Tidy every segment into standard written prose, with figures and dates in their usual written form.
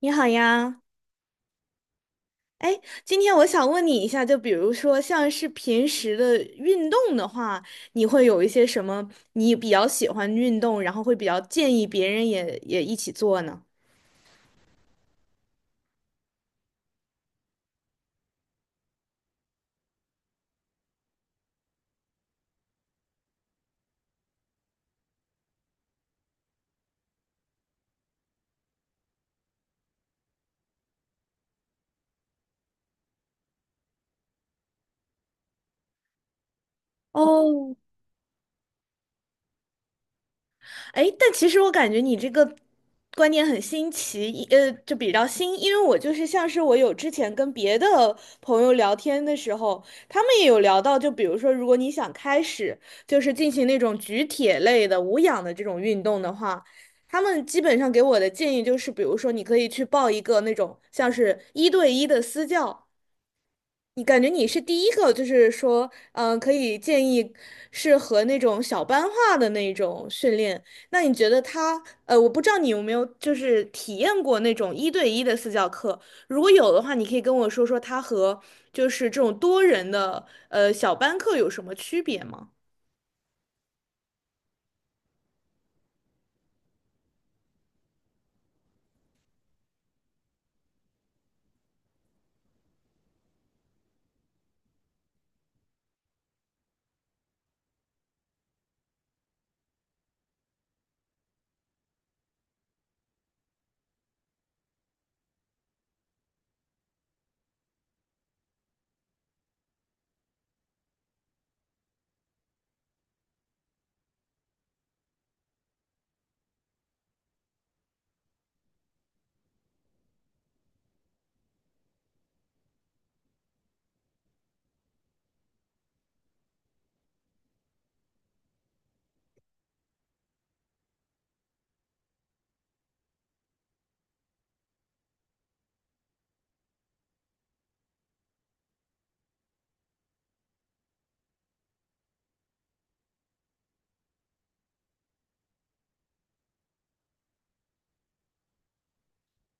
你好呀，哎，今天我想问你一下，就比如说像是平时的运动的话，你会有一些什么你比较喜欢运动，然后会比较建议别人也一起做呢？哦，哎，但其实我感觉你这个观念很新奇，就比较新，因为我就是像是我有之前跟别的朋友聊天的时候，他们也有聊到，就比如说，如果你想开始就是进行那种举铁类的无氧的这种运动的话，他们基本上给我的建议就是，比如说你可以去报一个那种像是一对一的私教。你感觉你是第一个，就是说，可以建议适合那种小班化的那种训练。那你觉得他，我不知道你有没有就是体验过那种一对一的私教课，如果有的话，你可以跟我说说他和就是这种多人的小班课有什么区别吗？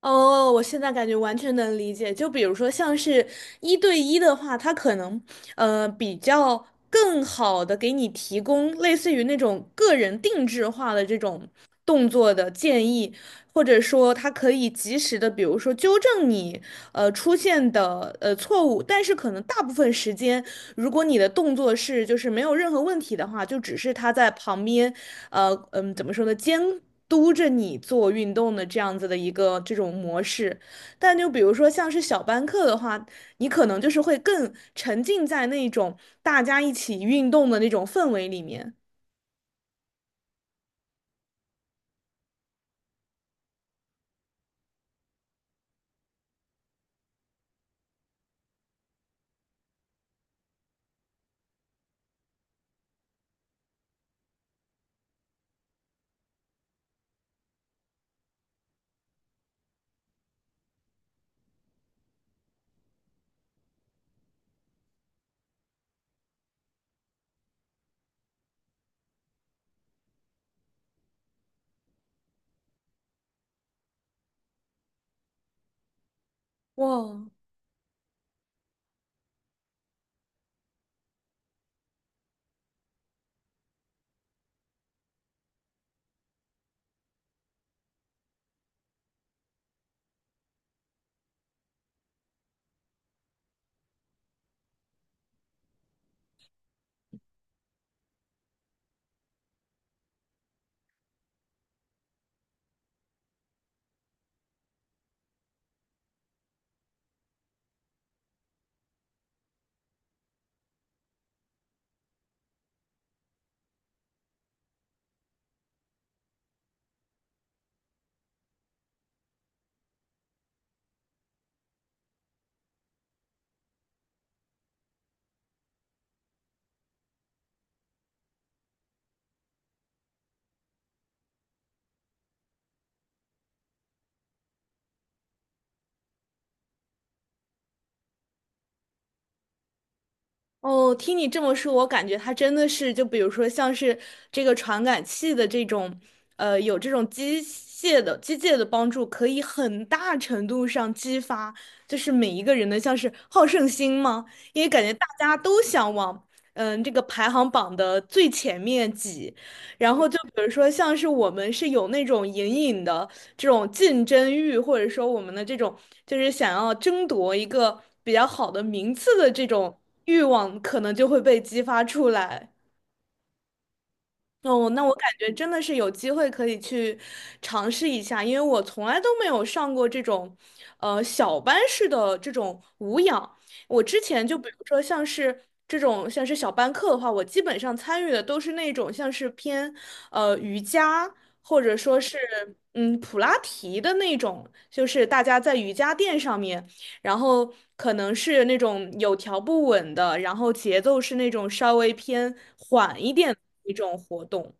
哦，我现在感觉完全能理解。就比如说，像是一对一的话，它可能比较更好的给你提供类似于那种个人定制化的这种动作的建议，或者说他可以及时的，比如说纠正你出现的错误，但是可能大部分时间，如果你的动作是就是没有任何问题的话，就只是他在旁边，怎么说呢，监督着你做运动的这样子的一个这种模式。但就比如说像是小班课的话，你可能就是会更沉浸在那种大家一起运动的那种氛围里面。哇，哦，听你这么说，我感觉它真的是，就比如说像是这个传感器的这种，呃，有这种机械的帮助，可以很大程度上激发，就是每一个人的像是好胜心吗？因为感觉大家都想往，这个排行榜的最前面挤，然后就比如说，像是我们是有那种隐隐的这种竞争欲，或者说我们的这种就是想要争夺一个比较好的名次的这种欲望，可能就会被激发出来。哦，那我感觉真的是有机会可以去尝试一下，因为我从来都没有上过这种，小班式的这种无氧。我之前就比如说像是这种像是小班课的话，我基本上参与的都是那种像是偏瑜伽或者说是普拉提的那种，就是大家在瑜伽垫上面。然后可能是那种有条不紊的，然后节奏是那种稍微偏缓一点的一种活动。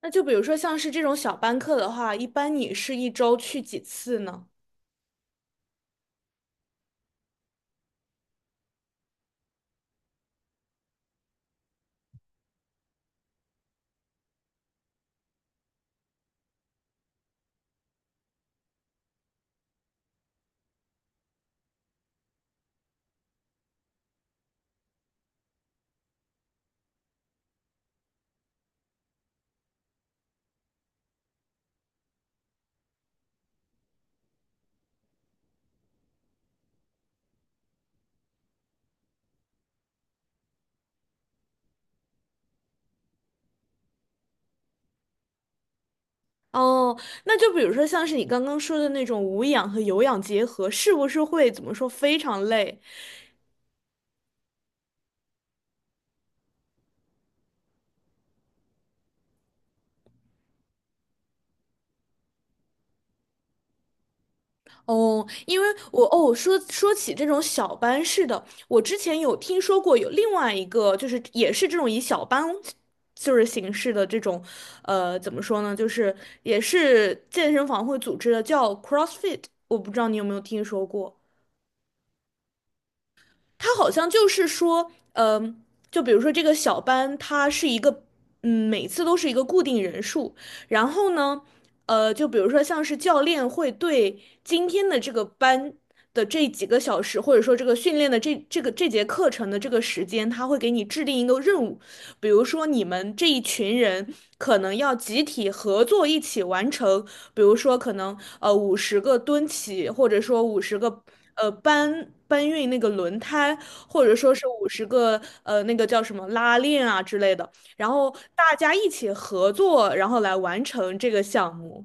那就比如说像是这种小班课的话，一般你是一周去几次呢？哦，那就比如说像是你刚刚说的那种无氧和有氧结合，是不是会怎么说非常累？哦，因为我哦，说说起这种小班式的，我之前有听说过有另外一个，就是也是这种以小班就是形式的这种，呃，怎么说呢，就是也是健身房会组织的，叫 CrossFit，我不知道你有没有听说过。他好像就是说，就比如说这个小班，它是一个，嗯，每次都是一个固定人数。然后呢，就比如说像是教练会对今天的这个班的这几个小时，或者说这个训练的这个这节课程的这个时间，他会给你制定一个任务，比如说你们这一群人可能要集体合作一起完成，比如说可能五十个蹲起，或者说五十个搬运那个轮胎，或者说是五十个那个叫什么拉链啊之类的，然后大家一起合作，然后来完成这个项目。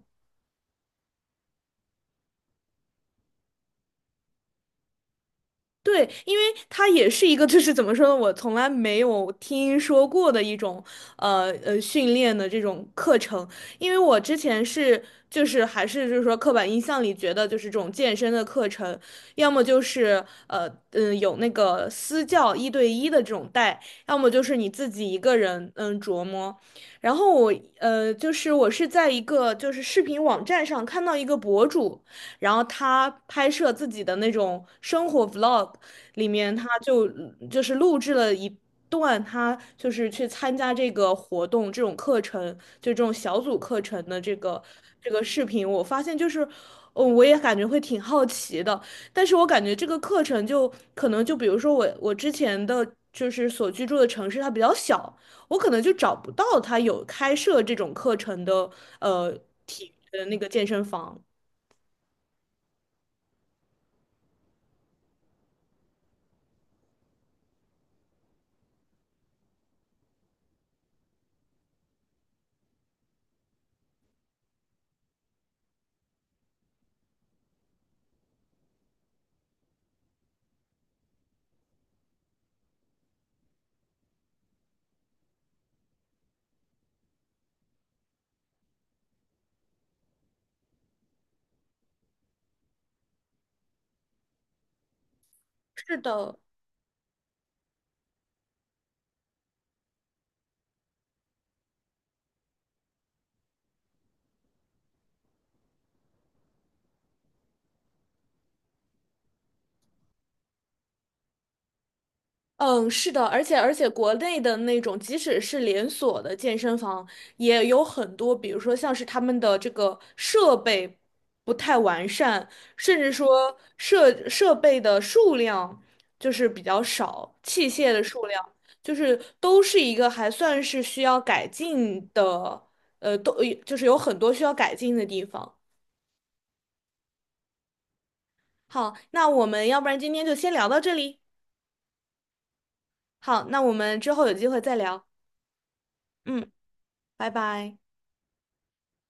对，因为它也是一个，就是怎么说呢，我从来没有听说过的一种，训练的这种课程。因为我之前是，就是还是就是说刻板印象里觉得就是这种健身的课程，要么就是有那个私教一对一的这种带，要么就是你自己一个人琢磨。然后我就是我是在一个就是视频网站上看到一个博主。然后他拍摄自己的那种生活 vlog，里面他就是录制了一段他就是去参加这个活动这种课程，就这种小组课程的这个视频，我发现就是，嗯，我也感觉会挺好奇的，但是我感觉这个课程就可能就比如说我之前的就是所居住的城市它比较小，我可能就找不到他有开设这种课程的呃体的那个健身房。是的，嗯，是的，而且国内的那种，即使是连锁的健身房，也有很多，比如说像是他们的这个设备不太完善，甚至说设备的数量就是比较少，器械的数量就是都是一个还算是需要改进的，呃，都就是有很多需要改进的地方。好，那我们要不然今天就先聊到这里。好，那我们之后有机会再聊。嗯，拜拜。